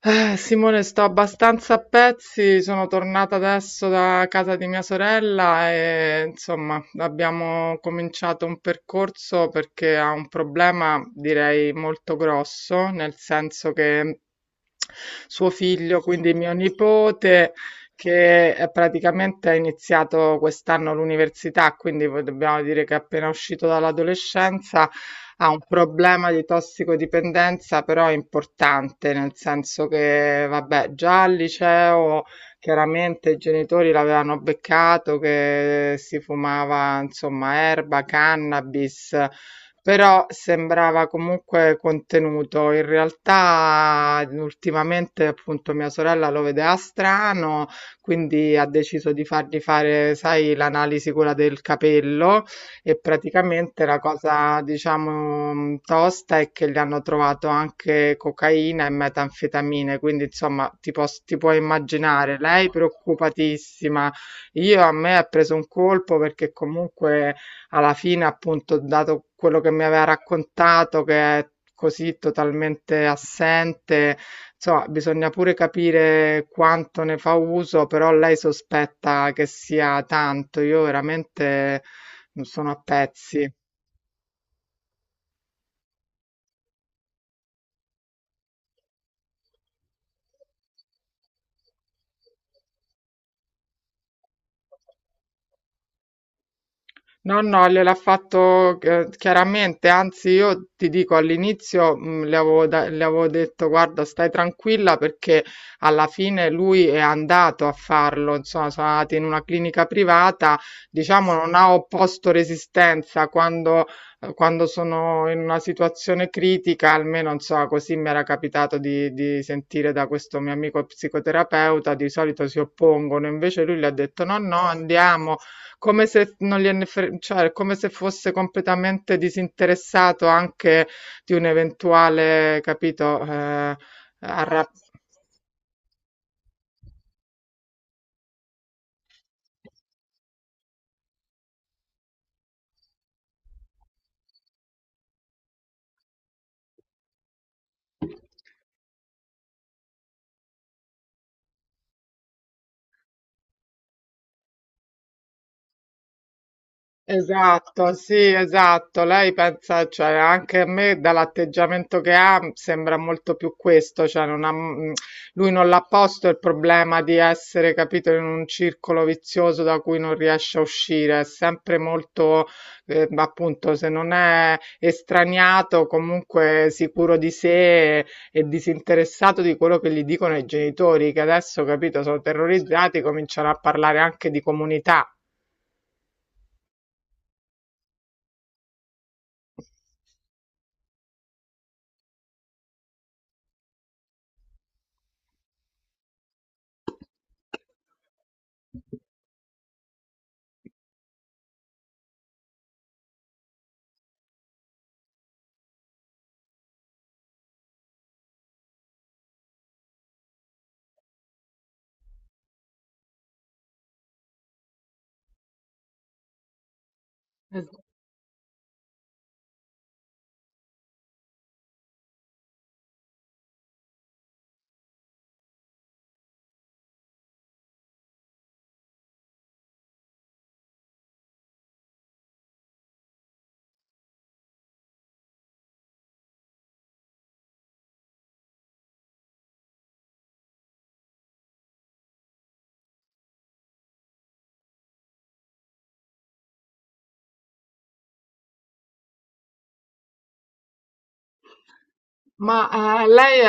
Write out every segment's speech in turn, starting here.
Simone, sto abbastanza a pezzi, sono tornata adesso da casa di mia sorella e insomma abbiamo cominciato un percorso perché ha un problema direi molto grosso, nel senso che suo figlio, quindi mio nipote, che praticamente ha iniziato quest'anno l'università, quindi dobbiamo dire che è appena uscito dall'adolescenza, ha un problema di tossicodipendenza, però importante, nel senso che, vabbè, già al liceo chiaramente i genitori l'avevano beccato che si fumava, insomma, erba, cannabis. Però sembrava comunque contenuto. In realtà, ultimamente, appunto, mia sorella lo vedeva strano, quindi ha deciso di fargli fare, sai, l'analisi quella del capello, e praticamente la cosa, diciamo, tosta è che gli hanno trovato anche cocaina e metanfetamine, quindi insomma ti puoi immaginare, lei preoccupatissima. Io a me ha preso un colpo perché comunque alla fine, appunto, dato quello che mi aveva raccontato, che è così totalmente assente, insomma, bisogna pure capire quanto ne fa uso, però lei sospetta che sia tanto. Io veramente non sono a pezzi. No, no, gliel'ha fatto, chiaramente, anzi io ti dico all'inizio, le avevo, le avevo detto guarda stai tranquilla perché alla fine lui è andato a farlo, insomma sono andati in una clinica privata, diciamo non ha opposto resistenza quando, quando sono in una situazione critica, almeno insomma così mi era capitato di sentire da questo mio amico psicoterapeuta, di solito si oppongono, invece lui le ha detto no, no, andiamo, come se non cioè, come se fosse completamente disinteressato anche di un eventuale, capito, arra- Esatto, sì, esatto. Lei pensa, cioè, anche a me dall'atteggiamento che ha sembra molto più questo, cioè non ha, lui non l'ha posto il problema di essere, capito, in un circolo vizioso da cui non riesce a uscire, è sempre molto, appunto, se non è estraniato, comunque sicuro di sé, e disinteressato di quello che gli dicono i genitori, che adesso, capito, sono terrorizzati, cominciano a parlare anche di comunità. Ma, lei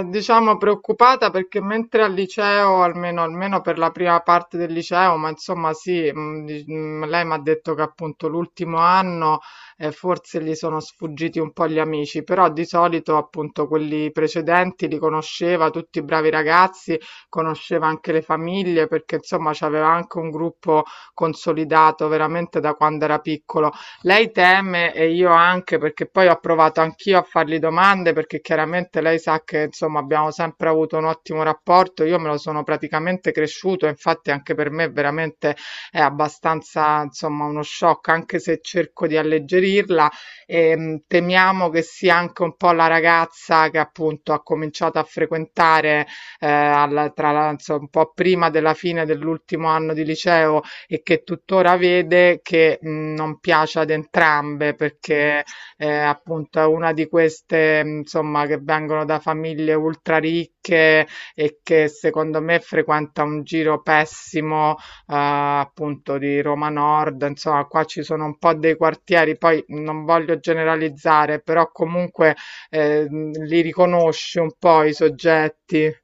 è, diciamo, preoccupata perché mentre al liceo, almeno almeno per la prima parte del liceo, ma insomma sì, lei mi ha detto che appunto l'ultimo anno forse gli sono sfuggiti un po' gli amici, però di solito appunto quelli precedenti li conosceva, tutti i bravi ragazzi, conosceva anche le famiglie perché insomma c'aveva anche un gruppo consolidato veramente da quando era piccolo. Lei teme e io anche, perché poi ho provato anch'io a fargli domande, perché chiaramente lei sa che insomma abbiamo sempre avuto un ottimo rapporto, io me lo sono praticamente cresciuto, infatti anche per me veramente è abbastanza insomma uno shock, anche se cerco di alleggerirla, e temiamo che sia anche un po' la ragazza che appunto ha cominciato a frequentare tra l'altro un po' prima della fine dell'ultimo anno di liceo, e che tuttora vede, che non piace ad entrambe, perché appunto è una di queste, insomma che vengono da famiglie ultra ricche e che secondo me frequenta un giro pessimo, appunto di Roma Nord, insomma qua ci sono un po' dei quartieri, poi non voglio generalizzare, però comunque li riconosci un po' i soggetti.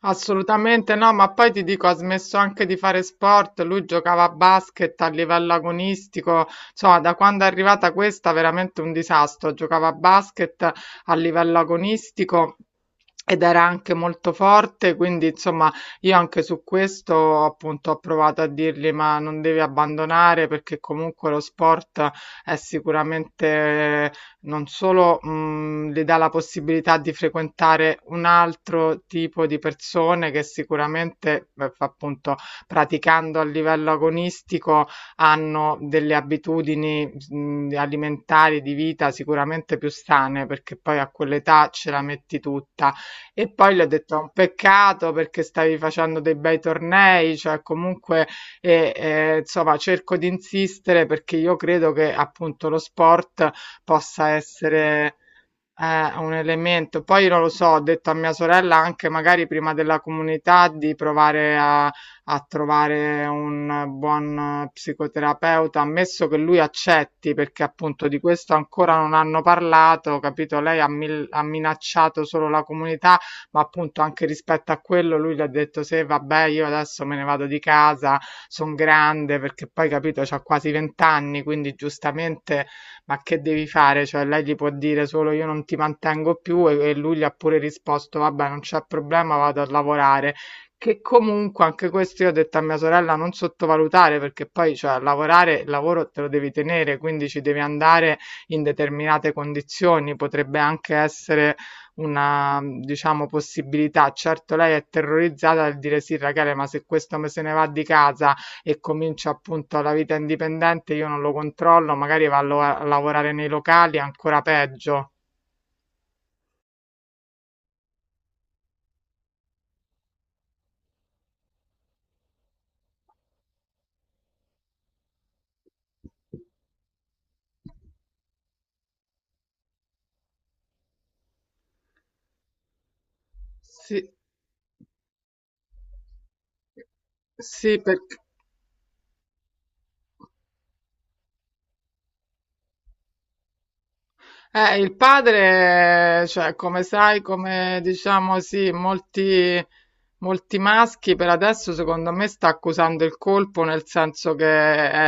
Assolutamente no, ma poi ti dico, ha smesso anche di fare sport, lui giocava a basket a livello agonistico, insomma, da quando è arrivata questa veramente un disastro, giocava a basket a livello agonistico. Ed era anche molto forte, quindi insomma io anche su questo appunto ho provato a dirgli ma non devi abbandonare, perché comunque lo sport è sicuramente non solo, le dà la possibilità di frequentare un altro tipo di persone che sicuramente, beh, f appunto, praticando a livello agonistico hanno delle abitudini, alimentari, di vita sicuramente più sane, perché poi a quell'età ce la metti tutta. E poi le ho detto: "È un peccato perché stavi facendo dei bei tornei, cioè comunque", e, insomma cerco di insistere perché io credo che appunto lo sport possa essere un elemento. Poi non lo so, ho detto a mia sorella anche magari prima della comunità di provare a, a trovare un buon psicoterapeuta, ammesso che lui accetti, perché appunto di questo ancora non hanno parlato, capito? Lei ha, ha minacciato solo la comunità, ma appunto anche rispetto a quello lui le ha detto se vabbè io adesso me ne vado di casa, sono grande, perché poi capito, c'ha quasi 20 anni, quindi giustamente ma che devi fare? Cioè, lei gli può dire solo io non ti mantengo più, e lui gli ha pure risposto vabbè, non c'è problema, vado a lavorare. Che comunque anche questo io ho detto a mia sorella non sottovalutare perché poi, cioè, lavorare, il lavoro te lo devi tenere, quindi ci devi andare in determinate condizioni, potrebbe anche essere una, diciamo, possibilità. Certo, lei è terrorizzata dal dire sì, Rachele, ma se questo me se ne va di casa e comincia appunto la vita indipendente, io non lo controllo, magari va a lavorare nei locali, ancora peggio. Sì, sì, perché, il padre, cioè, come sai, come diciamo, sì, molti, molti maschi per adesso, secondo me, sta accusando il colpo, nel senso che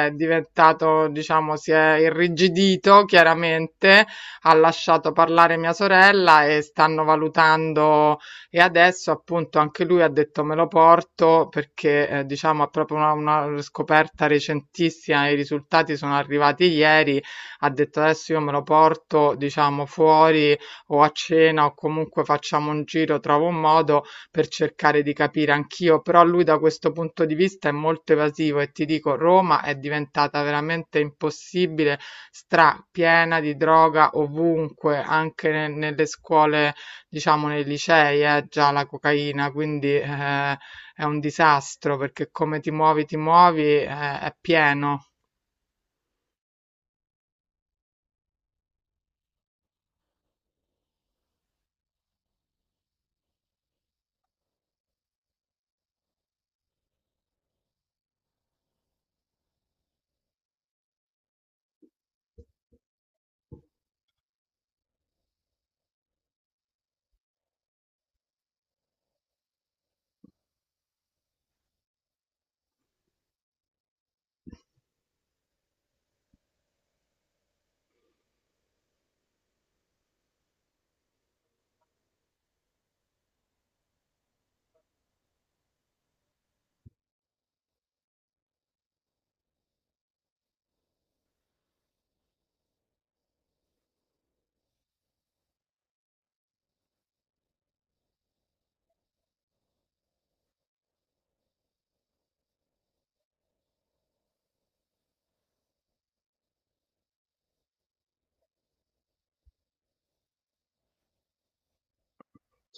è diventato, diciamo, si è irrigidito, chiaramente, ha lasciato parlare mia sorella e stanno valutando, e adesso, appunto, anche lui ha detto me lo porto perché, diciamo, è proprio una scoperta recentissima, i risultati sono arrivati ieri, ha detto adesso io me lo porto, diciamo, fuori o a cena o comunque facciamo un giro, trovo un modo per cercare di capire anch'io, però lui da questo punto di vista è molto evasivo, e ti dico, Roma è diventata veramente impossibile, strapiena di droga ovunque, anche nelle scuole, diciamo, nei licei, è già la cocaina, quindi è un disastro perché come ti muovi, è pieno.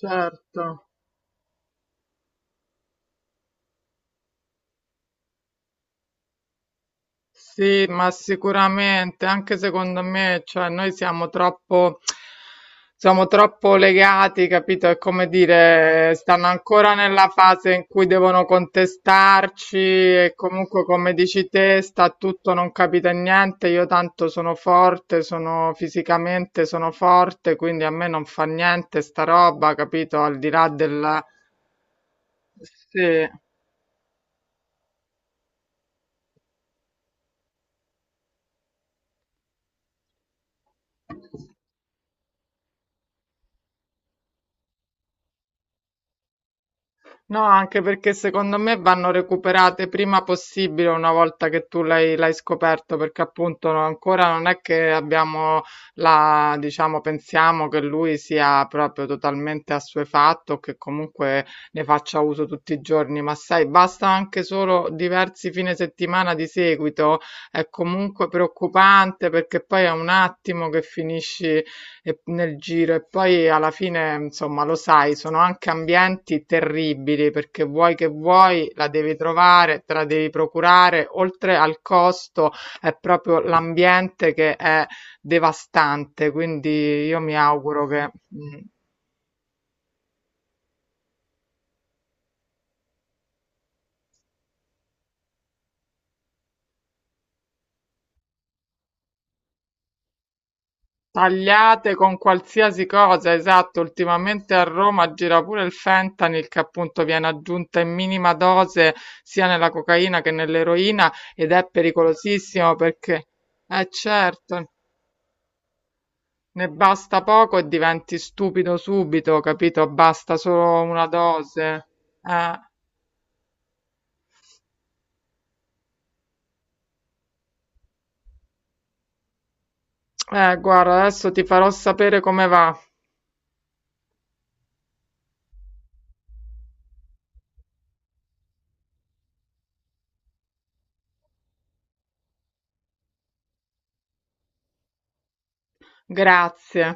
Certo. Sì, ma sicuramente, anche secondo me, cioè noi siamo troppo legati, capito? È come dire, stanno ancora nella fase in cui devono contestarci e comunque, come dici te, sta tutto, non capita niente. Io tanto sono forte, sono fisicamente, sono forte, quindi a me non fa niente sta roba, capito? Al di là del... Sì. No, anche perché secondo me vanno recuperate prima possibile una volta che tu l'hai scoperto, perché appunto ancora non è che abbiamo la, diciamo, pensiamo che lui sia proprio totalmente assuefatto, che comunque ne faccia uso tutti i giorni, ma sai, basta anche solo diversi fine settimana di seguito, è comunque preoccupante perché poi è un attimo che finisci e nel giro, e poi alla fine, insomma, lo sai, sono anche ambienti terribili perché vuoi che vuoi, la devi trovare, te la devi procurare, oltre al costo è proprio l'ambiente che è devastante, quindi io mi auguro che... Tagliate con qualsiasi cosa, esatto, ultimamente a Roma gira pure il fentanyl che appunto viene aggiunta in minima dose sia nella cocaina che nell'eroina ed è pericolosissimo perché, certo, ne basta poco e diventi stupido subito, capito? Basta solo una dose. Eh, guarda, adesso ti farò sapere come va. Grazie.